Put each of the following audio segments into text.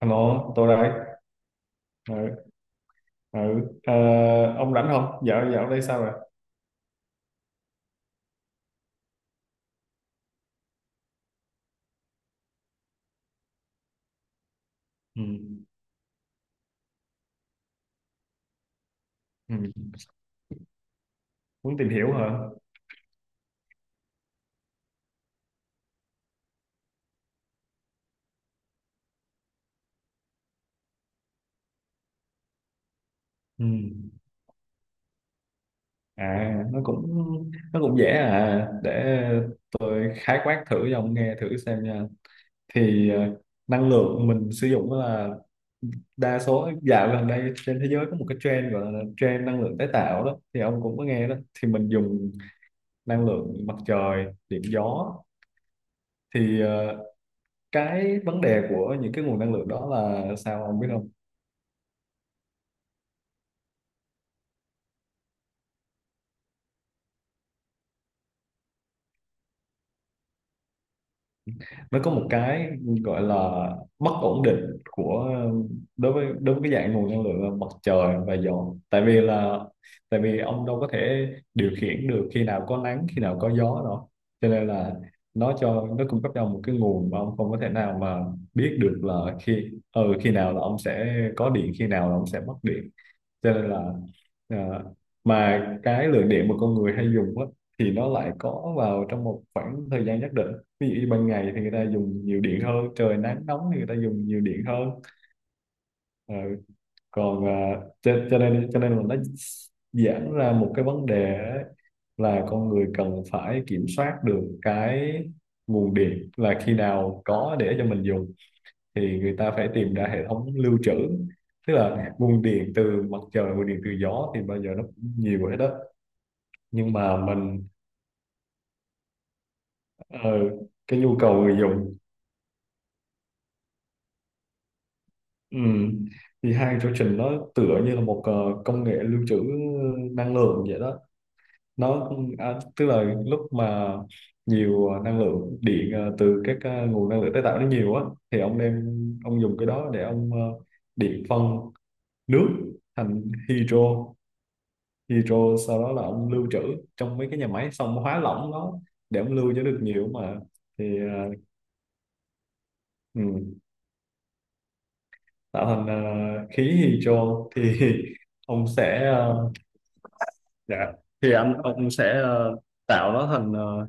Alo, tôi đây. Ừ, ừ. Ờ, ông rảnh không? Dạo dạo đây sao rồi? Ừ. Ừ. Muốn tìm hiểu hả? Ừ. À, nó cũng dễ à. Để tôi khái quát thử cho ông nghe thử xem nha. Thì năng lượng mình sử dụng đó là đa số dạo gần đây trên thế giới có một cái trend gọi là trend năng lượng tái tạo đó. Thì ông cũng có nghe đó. Thì mình dùng năng lượng mặt trời, điện gió. Thì cái vấn đề của những cái nguồn năng lượng đó là sao ông biết không, nó có một cái gọi là bất ổn định của, đối với cái dạng nguồn năng lượng là mặt trời và gió, tại vì là tại vì ông đâu có thể điều khiển được khi nào có nắng khi nào có gió đâu, cho nên là nó cung cấp cho ông một cái nguồn mà ông không có thể nào mà biết được là khi khi nào là ông sẽ có điện khi nào là ông sẽ mất điện, cho nên là à, mà cái lượng điện mà con người hay dùng á thì nó lại có vào trong một khoảng thời gian nhất định, ví dụ như ban ngày thì người ta dùng nhiều điện hơn, trời nắng nóng thì người ta dùng nhiều điện hơn. Ờ, còn cho nên là nó giãn ra một cái vấn đề ấy, là con người cần phải kiểm soát được cái nguồn điện là khi nào có để cho mình dùng, thì người ta phải tìm ra hệ thống lưu trữ. Tức là nguồn điện từ mặt trời, nguồn điện từ gió thì bao giờ nó cũng nhiều hết đó, nhưng mà mình ờ, cái nhu cầu người dùng ừm, thì hai chương trình nó tựa như là một công nghệ lưu trữ năng lượng vậy đó. Nó tức là lúc mà nhiều năng lượng điện từ các nguồn năng lượng tái tạo nó nhiều á, thì ông đem ông dùng cái đó để ông điện phân nước thành hydro, thì rồi sau đó là ông lưu trữ trong mấy cái nhà máy, xong ông hóa lỏng nó để ông lưu cho được nhiều mà. Thì ừ, tạo thành khí hydro thì ông sẽ dạ, thì ông sẽ tạo nó thành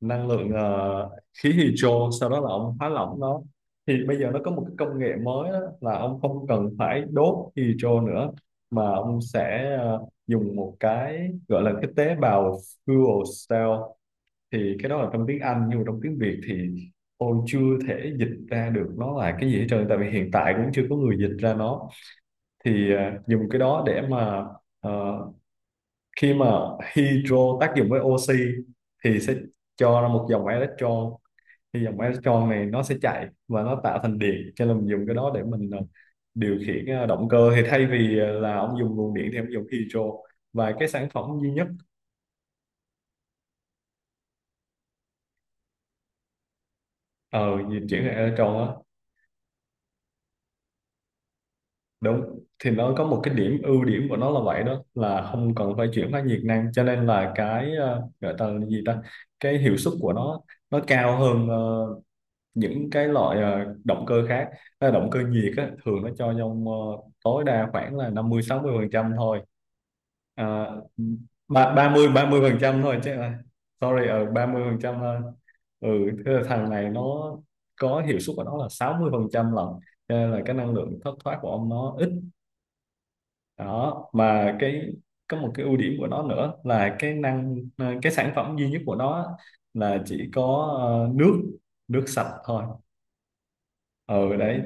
năng lượng khí hydro, sau đó là ông hóa lỏng nó. Thì bây giờ nó có một cái công nghệ mới đó, là ông không cần phải đốt hydro nữa, mà ông sẽ dùng một cái gọi là cái tế bào fuel cell. Thì cái đó là trong tiếng Anh nhưng mà trong tiếng Việt thì tôi chưa thể dịch ra được nó là cái gì hết trơn, tại vì hiện tại cũng chưa có người dịch ra nó. Thì dùng cái đó để mà ờ, khi mà hydro tác dụng với oxy thì sẽ cho ra một dòng electron, thì dòng electron này nó sẽ chạy và nó tạo thành điện, cho nên mình dùng cái đó để mình điều khiển động cơ. Thì thay vì là ông dùng nguồn điện thì ông dùng hydro, và cái sản phẩm duy nhất ờ di chuyển electron á. Đúng, thì nó có một cái điểm, ưu điểm của nó là vậy đó, là không cần phải chuyển hóa nhiệt năng, cho nên là cái gọi ta là gì ta, cái hiệu suất của nó cao hơn những cái loại động cơ khác. Động cơ nhiệt á, thường nó cho trong tối đa khoảng là 50-60% thôi, à, 30 phần trăm thôi chứ là sorry, ở 30% thôi. Ừ. Thế là thằng này nó có hiệu suất của nó là 60% lần, cho nên là cái năng lượng thất thoát của ông nó ít. Đó mà cái, có một cái ưu điểm của nó nữa là cái cái sản phẩm duy nhất của nó là chỉ có nước nước sạch thôi. Ừ đấy,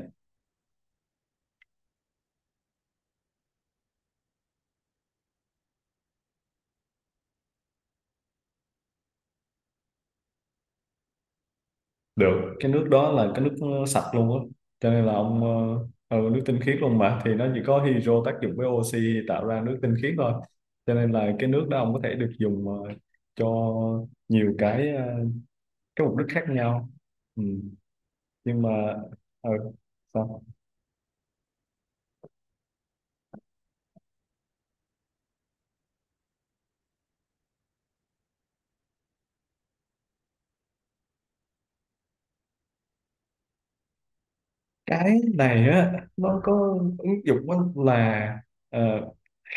được, cái nước đó là cái nước sạch luôn á, cho nên là ông nước tinh khiết luôn mà, thì nó chỉ có hydro tác dụng với oxy tạo ra nước tinh khiết thôi, cho nên là cái nước đó ông có thể được dùng cho nhiều cái mục đích khác nhau. Ừ. Nhưng mà ừ, sao? Cái này á nó có ứng dụng á, là ờ,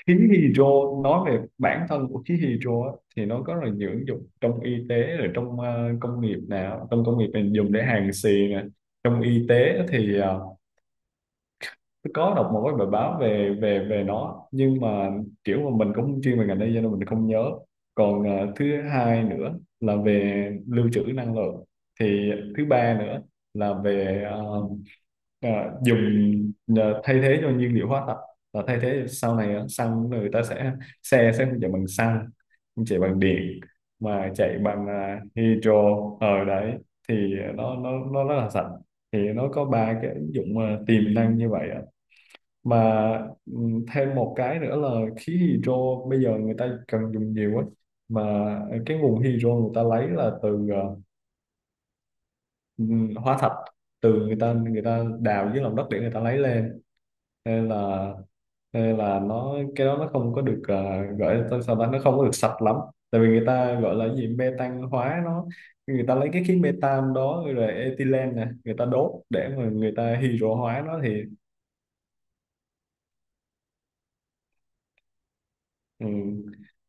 khí hydro, nói về bản thân của khí hydro á, thì nó có rất là nhiều ứng dụng trong y tế, rồi trong công nghiệp nào, trong công nghiệp mình dùng để hàn xì nè, trong y tế thì tôi có đọc một cái bài báo về về về nó, nhưng mà kiểu mà mình cũng không chuyên về ngành đây cho nên mình không nhớ. Còn thứ hai nữa là về lưu trữ năng lượng thì, thứ ba nữa là về à, dùng thay thế cho nhiên liệu hóa thạch, là thay thế sau này á, xăng, người ta sẽ, xe sẽ không chạy bằng xăng, không chạy bằng điện, mà chạy bằng hydro ở đấy, thì nó rất là sạch. Thì nó có ba cái ứng dụng tiềm năng như vậy á mà. Thêm một cái nữa là, khí hydro bây giờ người ta cần dùng nhiều á, mà cái nguồn hydro người ta lấy là từ hóa thạch, từ người ta đào dưới lòng đất để người ta lấy lên, nên là nên là nó cái đó nó không có được gọi là sao ta, nó không có được sạch lắm, tại vì người ta gọi là gì, metan hóa nó, người ta lấy cái khí metan đó rồi ethylene nè, người ta đốt để mà người ta hydro hóa nó thì. Ừ.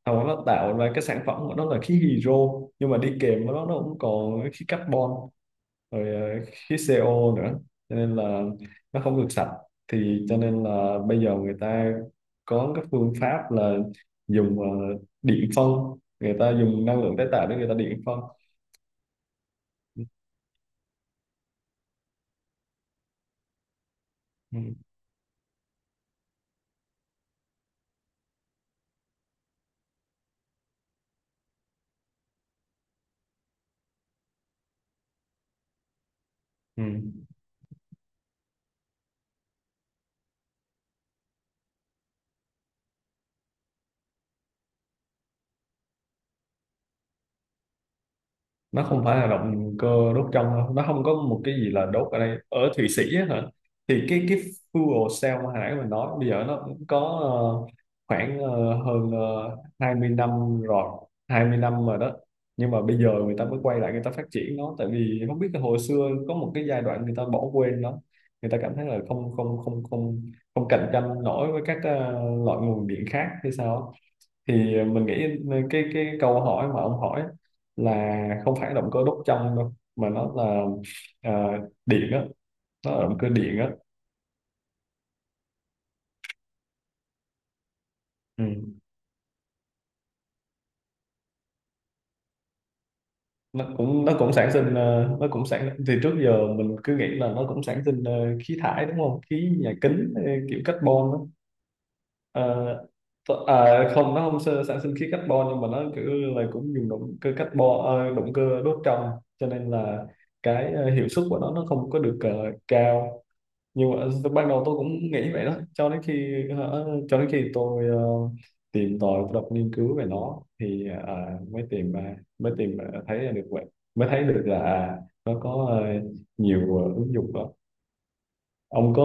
Hầu nó tạo ra cái sản phẩm của nó là khí hydro, nhưng mà đi kèm với nó cũng còn khí carbon rồi khí CO nữa, cho nên là nó không được sạch. Thì cho nên là bây giờ người ta có cái phương pháp là dùng điện phân, người ta dùng năng lượng tái tạo để người ta điện phân. Ừ. Ừ. Ừ. Nó không phải là động cơ đốt trong đâu, nó không có một cái gì là đốt ở đây, ở Thụy Sĩ á hả. Thì cái fuel cell mà hồi nãy mình nói, bây giờ nó cũng có ờ, khoảng hơn 20 năm rồi, 20 năm rồi đó. Nhưng mà bây giờ người ta mới quay lại, người ta phát triển nó, tại vì không biết là hồi xưa có một cái giai đoạn người ta bỏ quên nó, người ta cảm thấy là không không không không không cạnh tranh nổi với các loại nguồn điện khác hay sao á. Thì mình nghĩ cái câu hỏi mà ông hỏi là không phải động cơ đốt trong đâu, mà nó là à, điện á, nó là động cơ điện á. Ừ. Nó cũng, sản sinh ờ, nó cũng sản thì trước giờ mình cứ nghĩ là nó cũng sản sinh khí thải đúng không, khí nhà kính kiểu carbon á. Ờ, Không, nó không sản sinh khí carbon, nhưng mà nó kiểu là cũng dùng động cơ động cơ đốt trong, cho nên là cái hiệu suất của nó không có được cao. Nhưng mà lúc ban đầu tôi cũng nghĩ vậy đó, cho đến khi tôi tìm tòi đọc nghiên cứu về nó thì thấy ra được vậy, mới thấy được là nó có nhiều ứng dụng đó. Ông có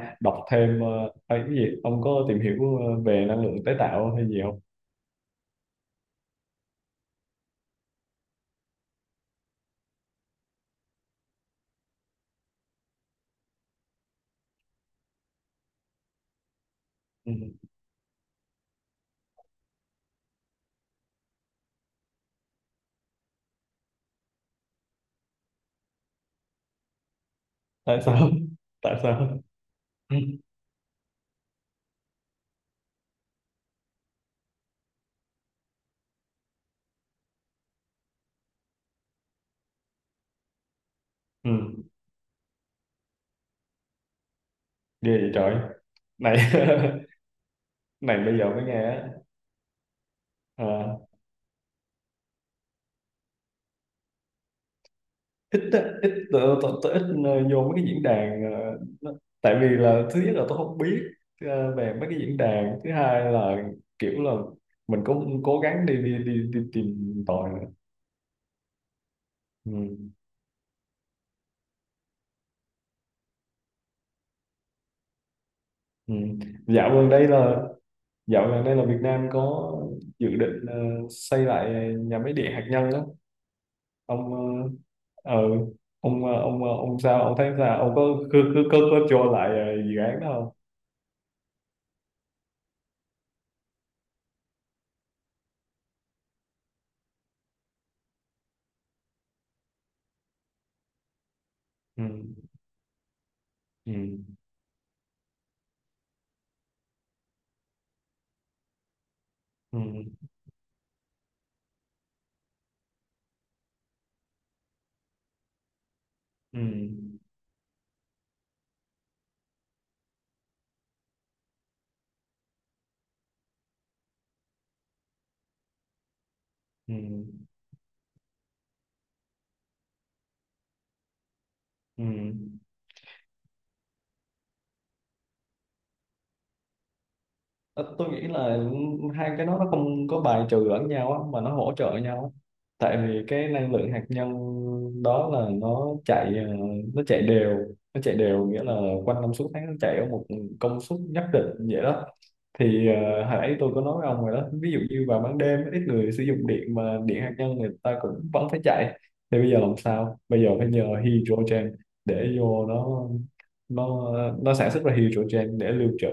đọc thêm hay cái gì, ông có tìm hiểu về năng lượng tái tạo hay gì không? Ừ. Tại sao? Tại sao? Ừ. Ừ. Ghê vậy trời, này, này bây giờ mới nghe á. À. Ít. Tôi ít vô mấy cái diễn đàn tại vì là, thứ nhất là tôi không biết về mấy cái diễn đàn, thứ hai là kiểu là mình cũng cố gắng đi tìm tòi. Ừ. Ừ. dạo gần đây là dạo gần đây là Việt Nam có dự định xây lại nhà máy điện hạt nhân đó. Ông ờ, ờ, ông ờ, ông ờ, ông sao, ông thấy sao, ông có cứ cứ cho lại dự án đó không? Ừ. Ừ. Ừ. Ừ. Ừ, ừ. Ờ, tôi nghĩ là hai cái đó nó không có bài trừ lẫn nhau á, mà nó hỗ trợ nhau á. Tại vì cái năng lượng hạt nhân đó là nó chạy nó chạy đều, nghĩa là quanh năm suốt tháng nó chạy ở một công suất nhất định vậy đó. Thì hồi nãy tôi có nói với ông rồi đó, ví dụ như vào ban đêm ít người sử dụng điện, mà điện hạt nhân người ta cũng vẫn phải chạy, thì bây giờ làm sao, bây giờ phải nhờ hydrogen để vô nó nó sản xuất ra hydrogen để lưu trữ,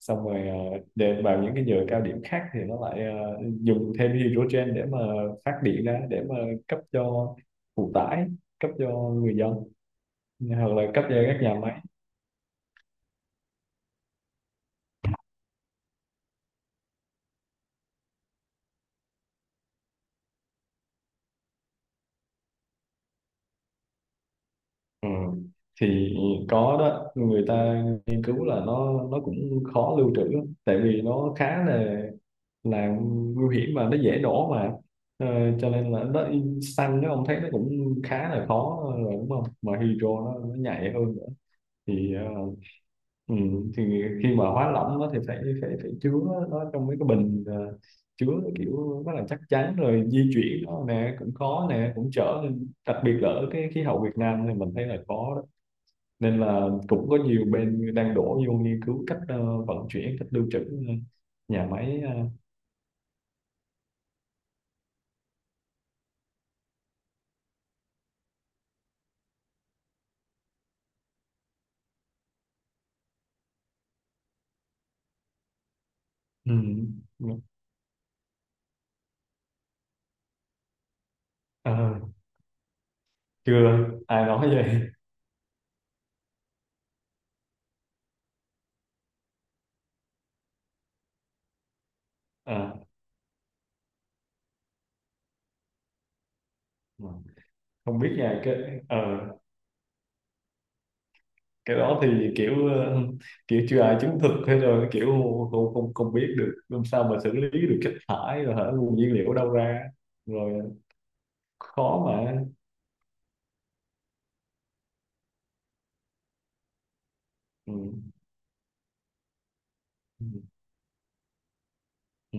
xong rồi để vào những cái giờ cao điểm khác thì nó lại dùng thêm hydrogen để mà phát điện ra, để mà cấp cho phụ tải, cấp cho người dân hoặc là cấp cho các nhà máy. Ừ. Thì có đó, người ta nghiên cứu là nó cũng khó lưu trữ lắm, tại vì nó khá là là nguy hiểm, mà nó dễ nổ mà. Ờ, cho nên là nó, xăng nó ông thấy nó cũng khá là khó rồi đúng không, mà hydro nó nhạy hơn nữa. Thì ừ, thì khi mà hóa lỏng nó thì phải phải phải chứa nó trong mấy cái bình chứa kiểu rất là chắc chắn, rồi di chuyển nó nè cũng khó nè cũng chở, nên đặc biệt là ở cái khí hậu Việt Nam thì mình thấy là khó đó, nên là cũng có nhiều bên đang đổ vô nghiên cứu cách vận chuyển, cách lưu trữ, ờ, nhà máy ừ, ờ, chưa ai nói vậy. Ờ, không biết nhà cái ờ cái đó thì kiểu ờ, kiểu chưa ai chứng thực thế, rồi kiểu không không không biết được, làm sao mà xử lý được chất thải rồi hả, nguồn nhiên liệu ở đâu ra rồi, khó mà. Ừ. Ừ. Ừ.